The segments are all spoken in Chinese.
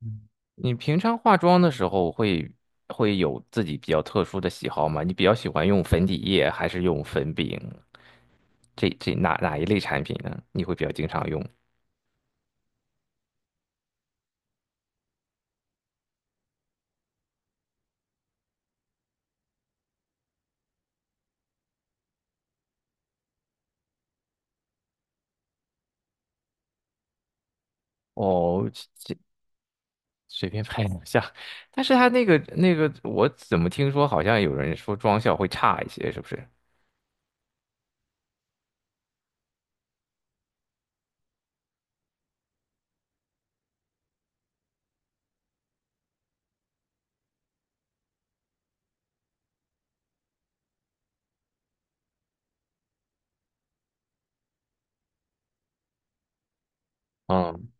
嗯，你平常化妆的时候会有自己比较特殊的喜好吗？你比较喜欢用粉底液还是用粉饼？这这哪哪一类产品呢？你会比较经常用？哦。这随便拍两下，但是它那个，我怎么听说好像有人说妆效会差一些，是不是？嗯。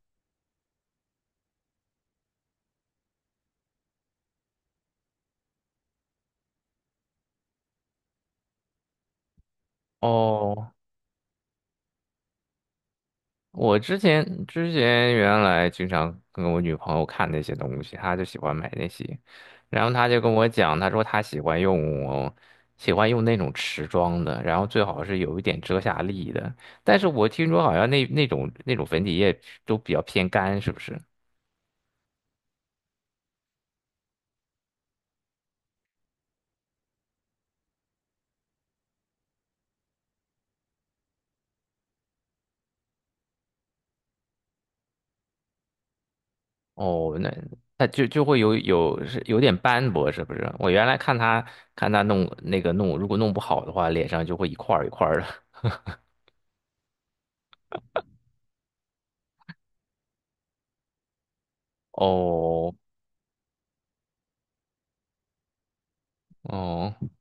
哦，我之前原来经常跟我女朋友看那些东西，她就喜欢买那些，然后她就跟我讲，她说她喜欢用喜欢用那种持妆的，然后最好是有一点遮瑕力的。但是我听说好像那种粉底液都比较偏干，是不是？哦，那它就会有点斑驳，是不是？我原来看她看她弄那个弄，如果弄不好的话，脸上就会一块儿一块儿的。哦哦。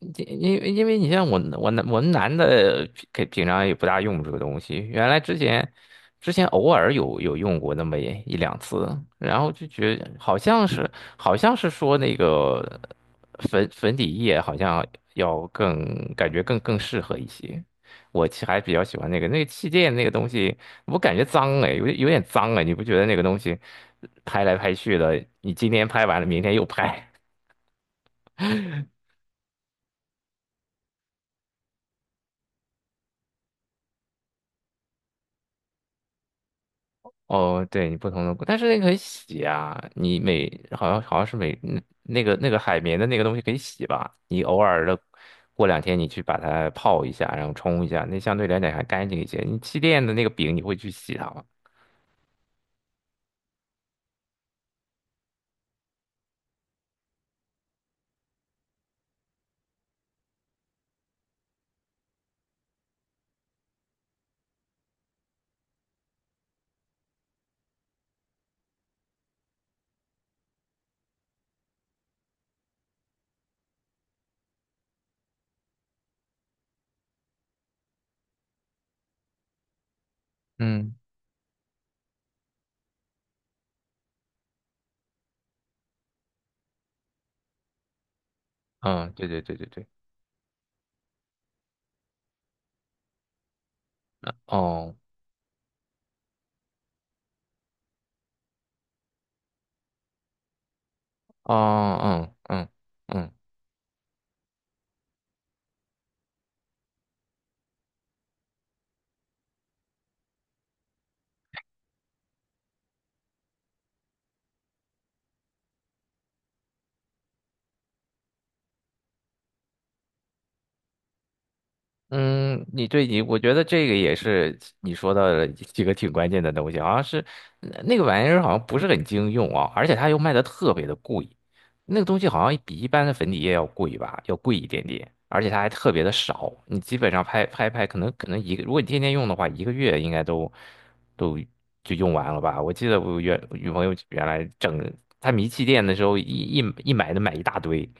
因为你像我我们男的平常也不大用这个东西，原来之前偶尔有用过那么一两次，然后就觉得好像是好像是说那个粉底液好像要更感觉更适合一些，我其实还比较喜欢那个气垫那个东西，我感觉脏哎，有点脏哎，你不觉得那个东西拍来拍去的，你今天拍完了，明天又拍。哦，对你不同的，但是那个可以洗啊，你每好像是每那个海绵的那个东西可以洗吧，你偶尔的过两天你去把它泡一下，然后冲一下，那相对来讲还干净一些。你气垫的那个饼你会去洗它吗？嗯。嗯，对，哦哦嗯嗯嗯。嗯，你对你，我觉得这个也是你说到的几个挺关键的东西，好像是呃那个玩意儿好像不是很经用啊，而且它又卖的特别的贵，那个东西好像比一般的粉底液要贵吧，要贵一点点，而且它还特别的少，你基本上拍拍拍，可能一个，如果你天天用的话，一个月应该都就用完了吧。我记得我原女朋友原来整她迷气垫的时候，一买都买一大堆。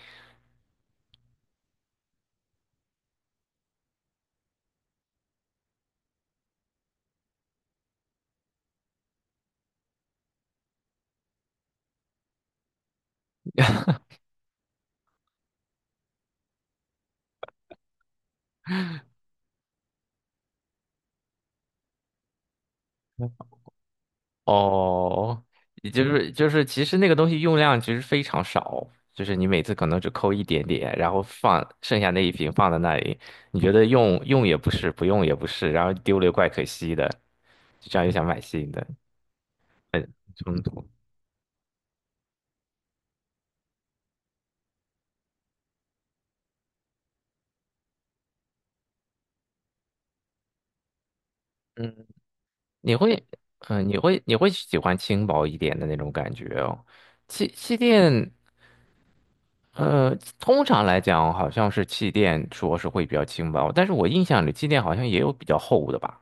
哦，也就是就是，其实那个东西用量其实非常少，就是你每次可能只抠一点点，然后放剩下那一瓶放在那里，你觉得用用也不是，不用也不是，然后丢了又怪可惜的，就这样又想买新的，冲突。嗯，你会，嗯、你会喜欢轻薄一点的那种感觉哦。气垫。呃，通常来讲，好像是气垫说是会比较轻薄，但是我印象里气垫好像也有比较厚的吧，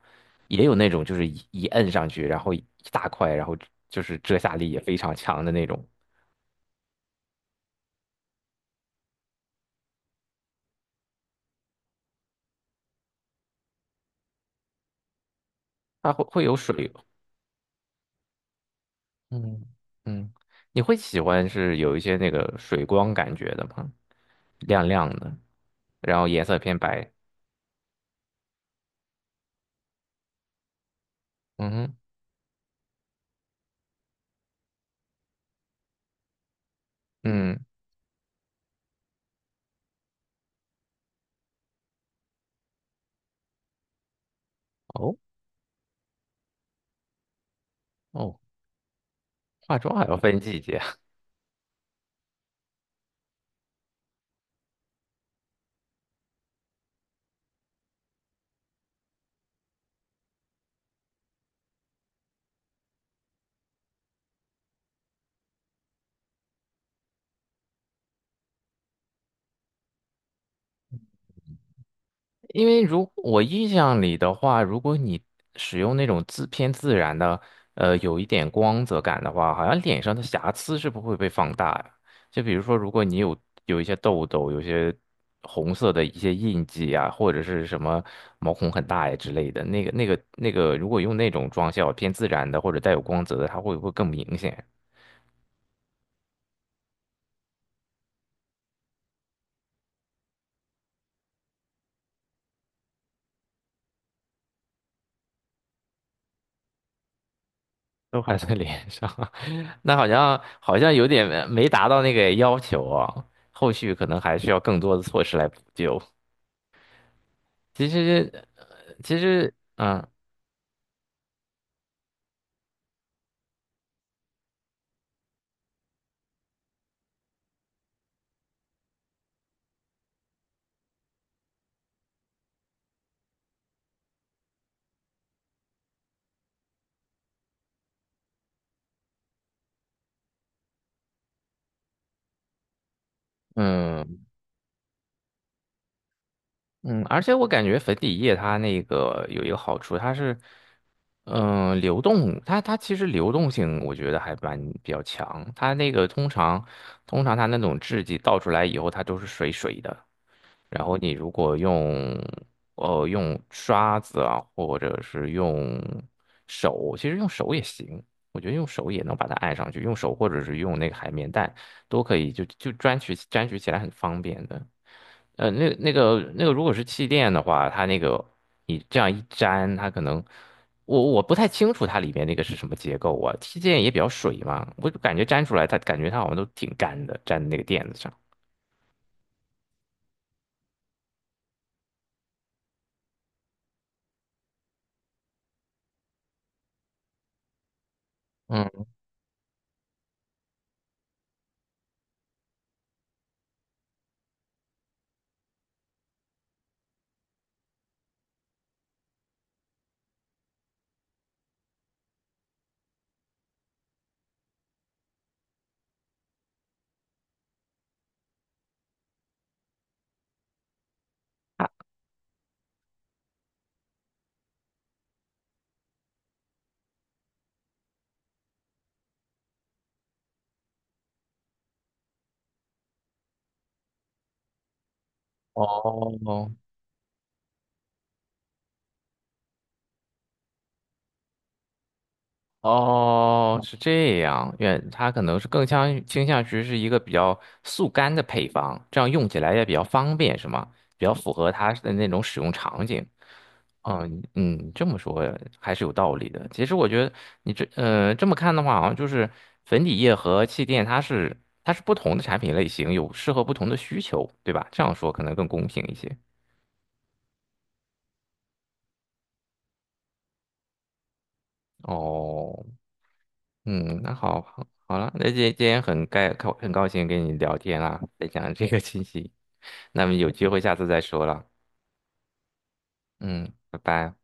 也有那种就是一摁上去，然后一大块，然后就是遮瑕力也非常强的那种，它会有水，嗯嗯，你会喜欢是有一些那个水光感觉的吗？亮亮的，然后颜色偏白，嗯哼嗯。哦哦，化妆还要分季节。因为如我印象里的话，如果你使用那种自偏自然的，呃，有一点光泽感的话，好像脸上的瑕疵是不会被放大呀。就比如说，如果你有有一些痘痘，有些红色的一些印记啊，或者是什么毛孔很大呀之类的，那个，如果用那种妆效偏自然的或者带有光泽的，它会不会更明显？都还在脸上，那好像有点没达到那个要求啊，后续可能还需要更多的措施来补救。其实，呃其实，嗯嗯嗯，而且我感觉粉底液它那个有一个好处，它是嗯、呃流动，它其实流动性我觉得还蛮比较强，它那个通常它那种质地倒出来以后，它都是水水的。然后你如果用呃用刷子啊，或者是用手，其实用手也行，我觉得用手也能把它按上去，用手或者是用那个海绵蛋都可以，就粘取起来很方便的。呃，那那个如果是气垫的话，它那个你这样一粘，它可能我不太清楚它里面那个是什么结构啊，气垫也比较水嘛，我就感觉粘出来它感觉它好像都挺干的，粘在那个垫子上。嗯。啊。哦，哦，是这样，愿它可能是更相倾向于是一个比较速干的配方，这样用起来也比较方便，是吗？比较符合它的那种使用场景。嗯嗯，这么说还是有道理的。其实我觉得你这呃这么看的话，好像就是粉底液和气垫，它是不同的产品类型，有适合不同的需求，对吧？这样说可能更公平一些。哦。嗯，那好了，那今天很很高兴跟你聊天啦，分享这个信息，那么有机会下次再说了，嗯，拜拜。